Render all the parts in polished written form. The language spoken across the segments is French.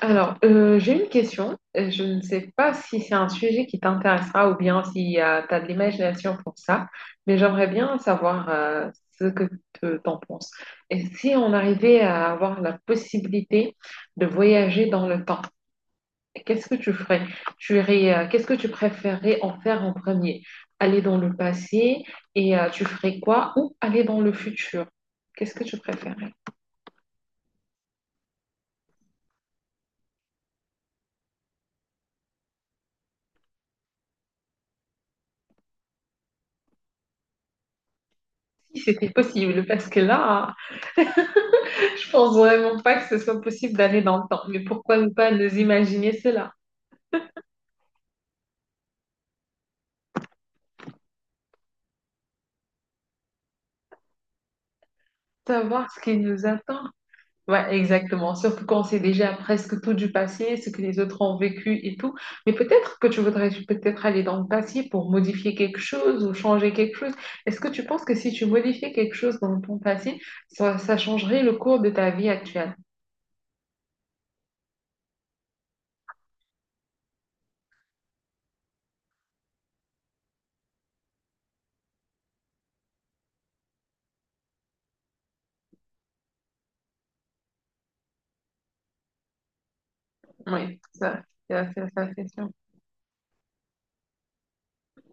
Alors, j'ai une question. Je ne sais pas si c'est un sujet qui t'intéressera ou bien si tu as de l'imagination pour ça, mais j'aimerais bien savoir ce que tu t'en penses. Et si on arrivait à avoir la possibilité de voyager dans le temps, qu'est-ce que tu ferais? Tu irais, qu'est-ce que tu préférerais en faire en premier? Aller dans le passé et tu ferais quoi? Ou aller dans le futur? Qu'est-ce que tu préférerais? Si c'était possible, parce que là, je pense vraiment pas que ce soit possible d'aller dans le temps, mais pourquoi ne pas nous imaginer cela? Savoir ce qui nous attend. Ouais, exactement. Surtout quand on sait déjà presque tout du passé, ce que les autres ont vécu et tout. Mais peut-être que tu voudrais peut-être aller dans le passé pour modifier quelque chose ou changer quelque chose. Est-ce que tu penses que si tu modifiais quelque chose dans ton passé, ça changerait le cours de ta vie actuelle? Oui, ça, c'est sûr.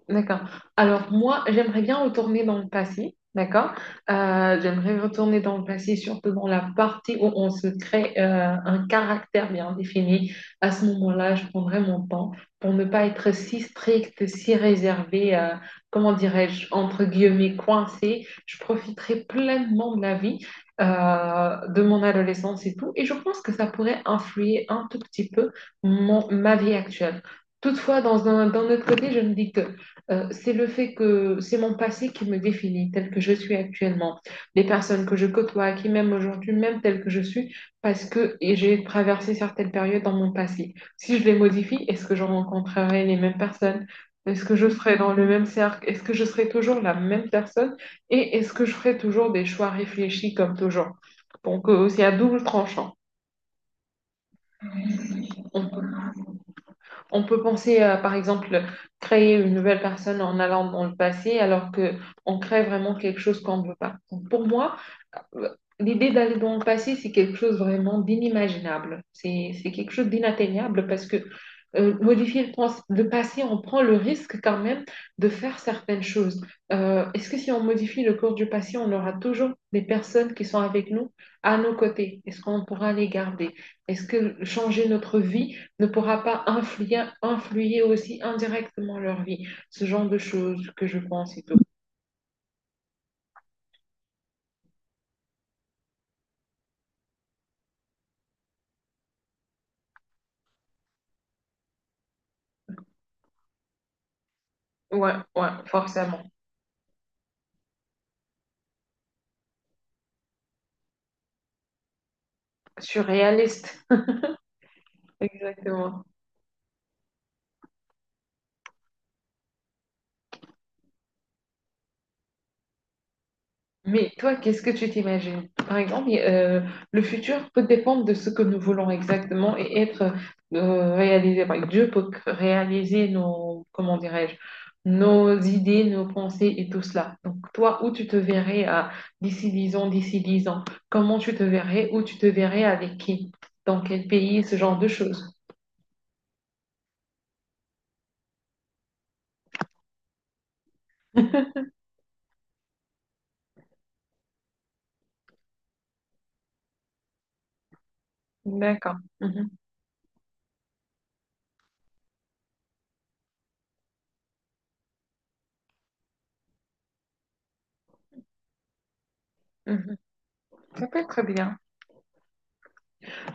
D'accord. Alors moi, j'aimerais bien retourner dans le passé, d'accord? J'aimerais retourner dans le passé, surtout dans la partie où on se crée un caractère bien défini. À ce moment-là, je prendrais mon temps pour ne pas être si stricte, si réservée, comment dirais-je, entre guillemets, coincée. Je profiterai pleinement de la vie, de mon adolescence et tout. Et je pense que ça pourrait influer un tout petit peu mon, ma vie actuelle. Toutefois, dans un, d'un autre côté, je me dis que c'est le fait que c'est mon passé qui me définit tel que je suis actuellement. Les personnes que je côtoie, qui m'aiment aujourd'hui, même tel que je suis, parce que et j'ai traversé certaines périodes dans mon passé. Si je les modifie, est-ce que je rencontrerai les mêmes personnes? Est-ce que je serai dans le même cercle? Est-ce que je serai toujours la même personne? Et est-ce que je ferai toujours des choix réfléchis comme toujours? Donc, c'est à double tranchant. On peut On peut penser à, par exemple, créer une nouvelle personne en allant dans le passé, alors que on crée vraiment quelque chose qu'on ne veut pas. Donc, pour moi, euh, l'idée d'aller dans le passé, c'est quelque chose vraiment d'inimaginable. C'est quelque chose d'inatteignable parce que modifier le passé, on prend le risque quand même de faire certaines choses. Est-ce que si on modifie le cours du passé, on aura toujours des personnes qui sont avec nous à nos côtés? Est-ce qu'on pourra les garder? Est-ce que changer notre vie ne pourra pas influer aussi indirectement leur vie. Ce genre de choses que je pense et tout. Ouais, ouais, forcément. Surréaliste. Exactement. Mais toi, qu'est-ce que tu t'imagines? Par exemple, le futur peut dépendre de ce que nous voulons exactement et être réalisé. Par exemple, Dieu peut réaliser nos, comment dirais-je, nos idées, nos pensées et tout cela. Donc, toi, où tu te verrais à d'ici 10 ans, d'ici 10 ans? Comment tu te verrais? Où tu te verrais avec qui? Dans quel pays? Ce genre de choses. D'accord. Mhm, mhm. Ça peut être bien.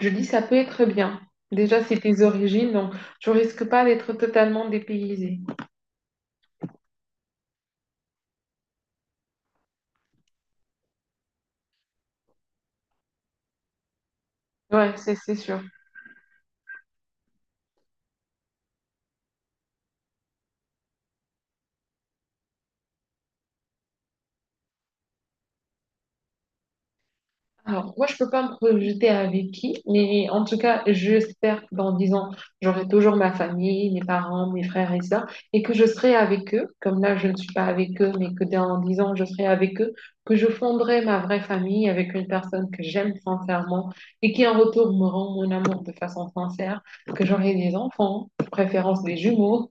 Je dis ça peut être bien. Déjà, c'est tes origines, donc tu risques pas d'être totalement dépaysé. Ouais, c'est sûr. Alors, moi, je peux pas me projeter avec qui, mais en tout cas, j'espère que dans 10 ans, j'aurai toujours ma famille, mes parents, mes frères et sœurs, et que je serai avec eux, comme là, je ne suis pas avec eux, mais que dans 10 ans, je serai avec eux, que je fonderai ma vraie famille avec une personne que j'aime sincèrement et qui, en retour, me rend mon amour de façon sincère, que j'aurai des enfants, de préférence des jumeaux.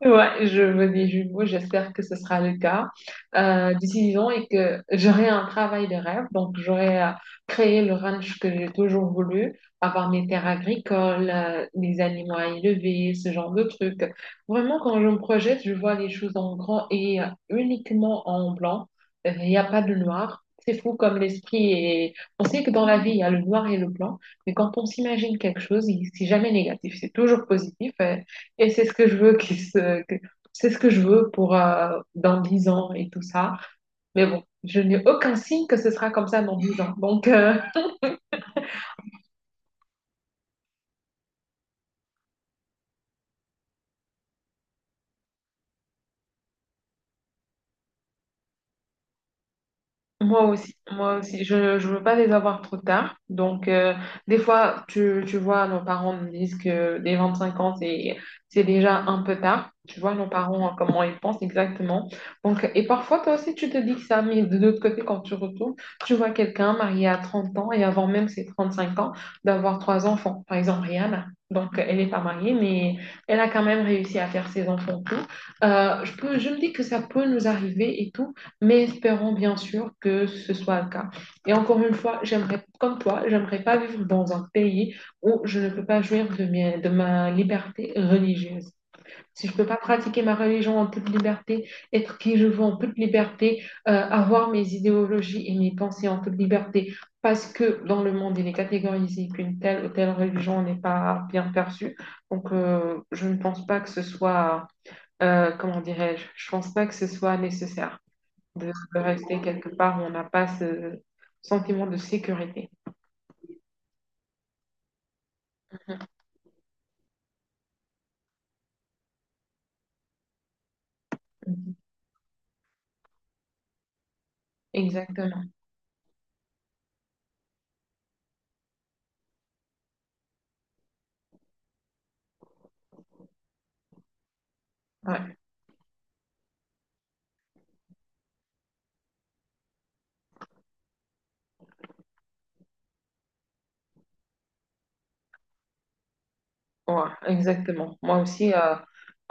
Ouais, je me dis du mot, j'espère que ce sera le cas d'ici 10 ans et que j'aurai un travail de rêve. Donc, j'aurai créé le ranch que j'ai toujours voulu, avoir mes terres agricoles, mes animaux à élever, ce genre de trucs. Vraiment, quand je me projette, je vois les choses en grand et uniquement en blanc. Il n'y a pas de noir. C'est fou comme l'esprit est. On sait que dans la vie, il y a le noir et le blanc, mais quand on s'imagine quelque chose, c'est jamais négatif, c'est toujours positif. Et c'est ce que je veux. C'est ce que je veux pour dans 10 ans et tout ça. Mais bon, je n'ai aucun signe que ce sera comme ça dans 10 ans. Donc. Moi aussi, moi aussi. Je ne veux pas les avoir trop tard. Donc, des fois, tu vois, nos parents nous disent que dès 25 ans, c'est déjà un peu tard. Tu vois, nos parents, comment ils pensent exactement. Donc, et parfois, toi aussi, tu te dis que ça, mais de l'autre côté, quand tu retournes, tu vois quelqu'un marié à 30 ans et avant même ses 35 ans, d'avoir trois enfants. Par exemple, Rihanna. Donc, elle n'est pas mariée, mais elle a quand même réussi à faire ses enfants tout. Je me dis que ça peut nous arriver et tout. Mais espérons bien sûr que ce soit le cas. Et encore une fois, j'aimerais, comme toi, j'aimerais pas vivre dans un pays où je ne peux pas jouir de ma liberté religieuse. Si je peux pas pratiquer ma religion en toute liberté, être qui je veux en toute liberté, avoir mes idéologies et mes pensées en toute liberté, parce que dans le monde, il est catégorisé qu'une telle ou telle religion n'est pas bien perçue. Donc, je ne pense pas que ce soit, comment dirais-je, je pense pas que ce soit nécessaire de rester quelque part où on n'a pas ce sentiment de sécurité. Mhm. Exactement. Ouais. Ouais, exactement. Moi aussi,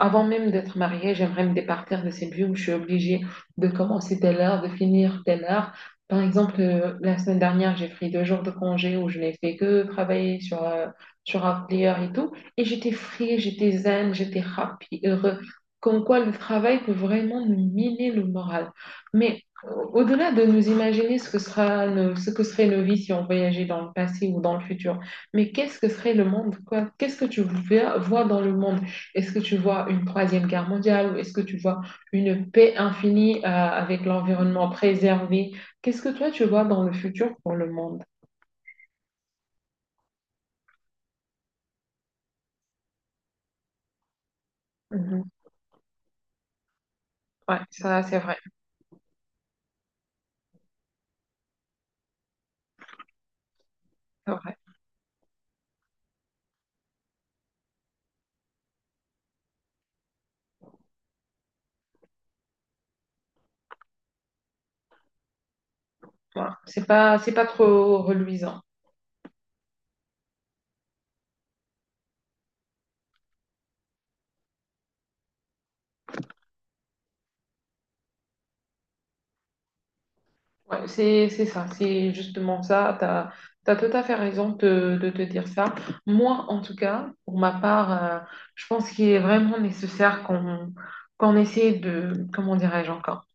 avant même d'être mariée, j'aimerais me départir de cette vie où je suis obligée de commencer telle heure, de finir telle heure. Par exemple, la semaine dernière, j'ai pris 2 jours de congé où je n'ai fait que travailler sur un player et tout. Et j'étais free, j'étais zen, j'étais happy, heureux. Comme quoi, le travail peut vraiment nous miner le moral. Mais au-delà de nous imaginer ce que serait nos vies si on voyageait dans le passé ou dans le futur, mais qu'est-ce que serait le monde, quoi? Qu'est-ce que tu vois dans le monde? Est-ce que tu vois une troisième guerre mondiale ou est-ce que tu vois une paix infinie, avec l'environnement préservé? Qu'est-ce que toi tu vois dans le futur pour le monde? Mhm. Ouais, ça c'est vrai, c'est vrai. Voilà. C'est pas trop reluisant. Ouais, c'est ça, c'est justement ça. Tu as, tout à fait raison de te dire ça. Moi, en tout cas, pour ma part, je pense qu'il est vraiment nécessaire qu'on essaie de, comment dirais-je encore,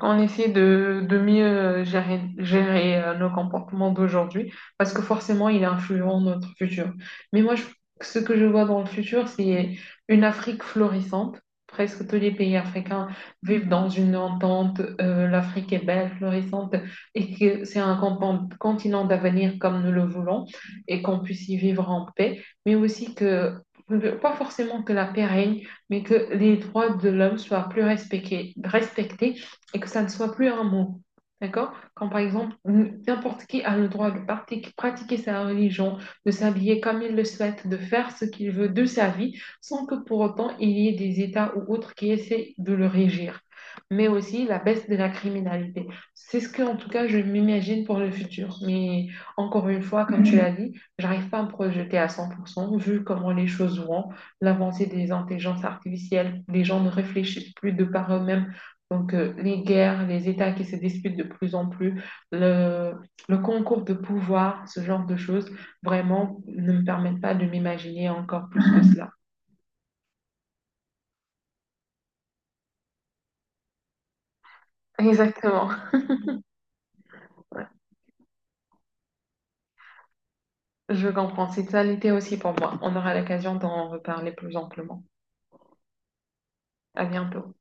on essaie de mieux gérer, nos comportements d'aujourd'hui parce que forcément, il influe notre futur. Mais moi, ce que je vois dans le futur, c'est une Afrique florissante. Presque tous les pays africains vivent dans une entente. L'Afrique est belle, florissante et que c'est un continent d'avenir comme nous le voulons et qu'on puisse y vivre en paix, mais aussi que, pas forcément que la paix règne, mais que les droits de l'homme soient plus respectés et que ça ne soit plus un mot. D'accord? Quand par exemple, n'importe qui a le droit de pratiquer sa religion, de s'habiller comme il le souhaite, de faire ce qu'il veut de sa vie, sans que pour autant il y ait des États ou autres qui essaient de le régir. Mais aussi la baisse de la criminalité. C'est ce que, en tout cas, je m'imagine pour le futur. Mais encore une fois, comme tu l'as dit, j'arrive pas à me projeter à 100%, vu comment les choses vont, l'avancée des intelligences artificielles, les gens ne réfléchissent plus de par eux-mêmes donc, les guerres, les États qui se disputent de plus en plus, le, le concours de pouvoir, ce genre de choses, vraiment ne me permettent pas de m'imaginer encore plus que cela. Exactement. Ouais, je comprends. C'est ça l'été aussi pour moi. On aura l'occasion d'en reparler plus amplement. À bientôt.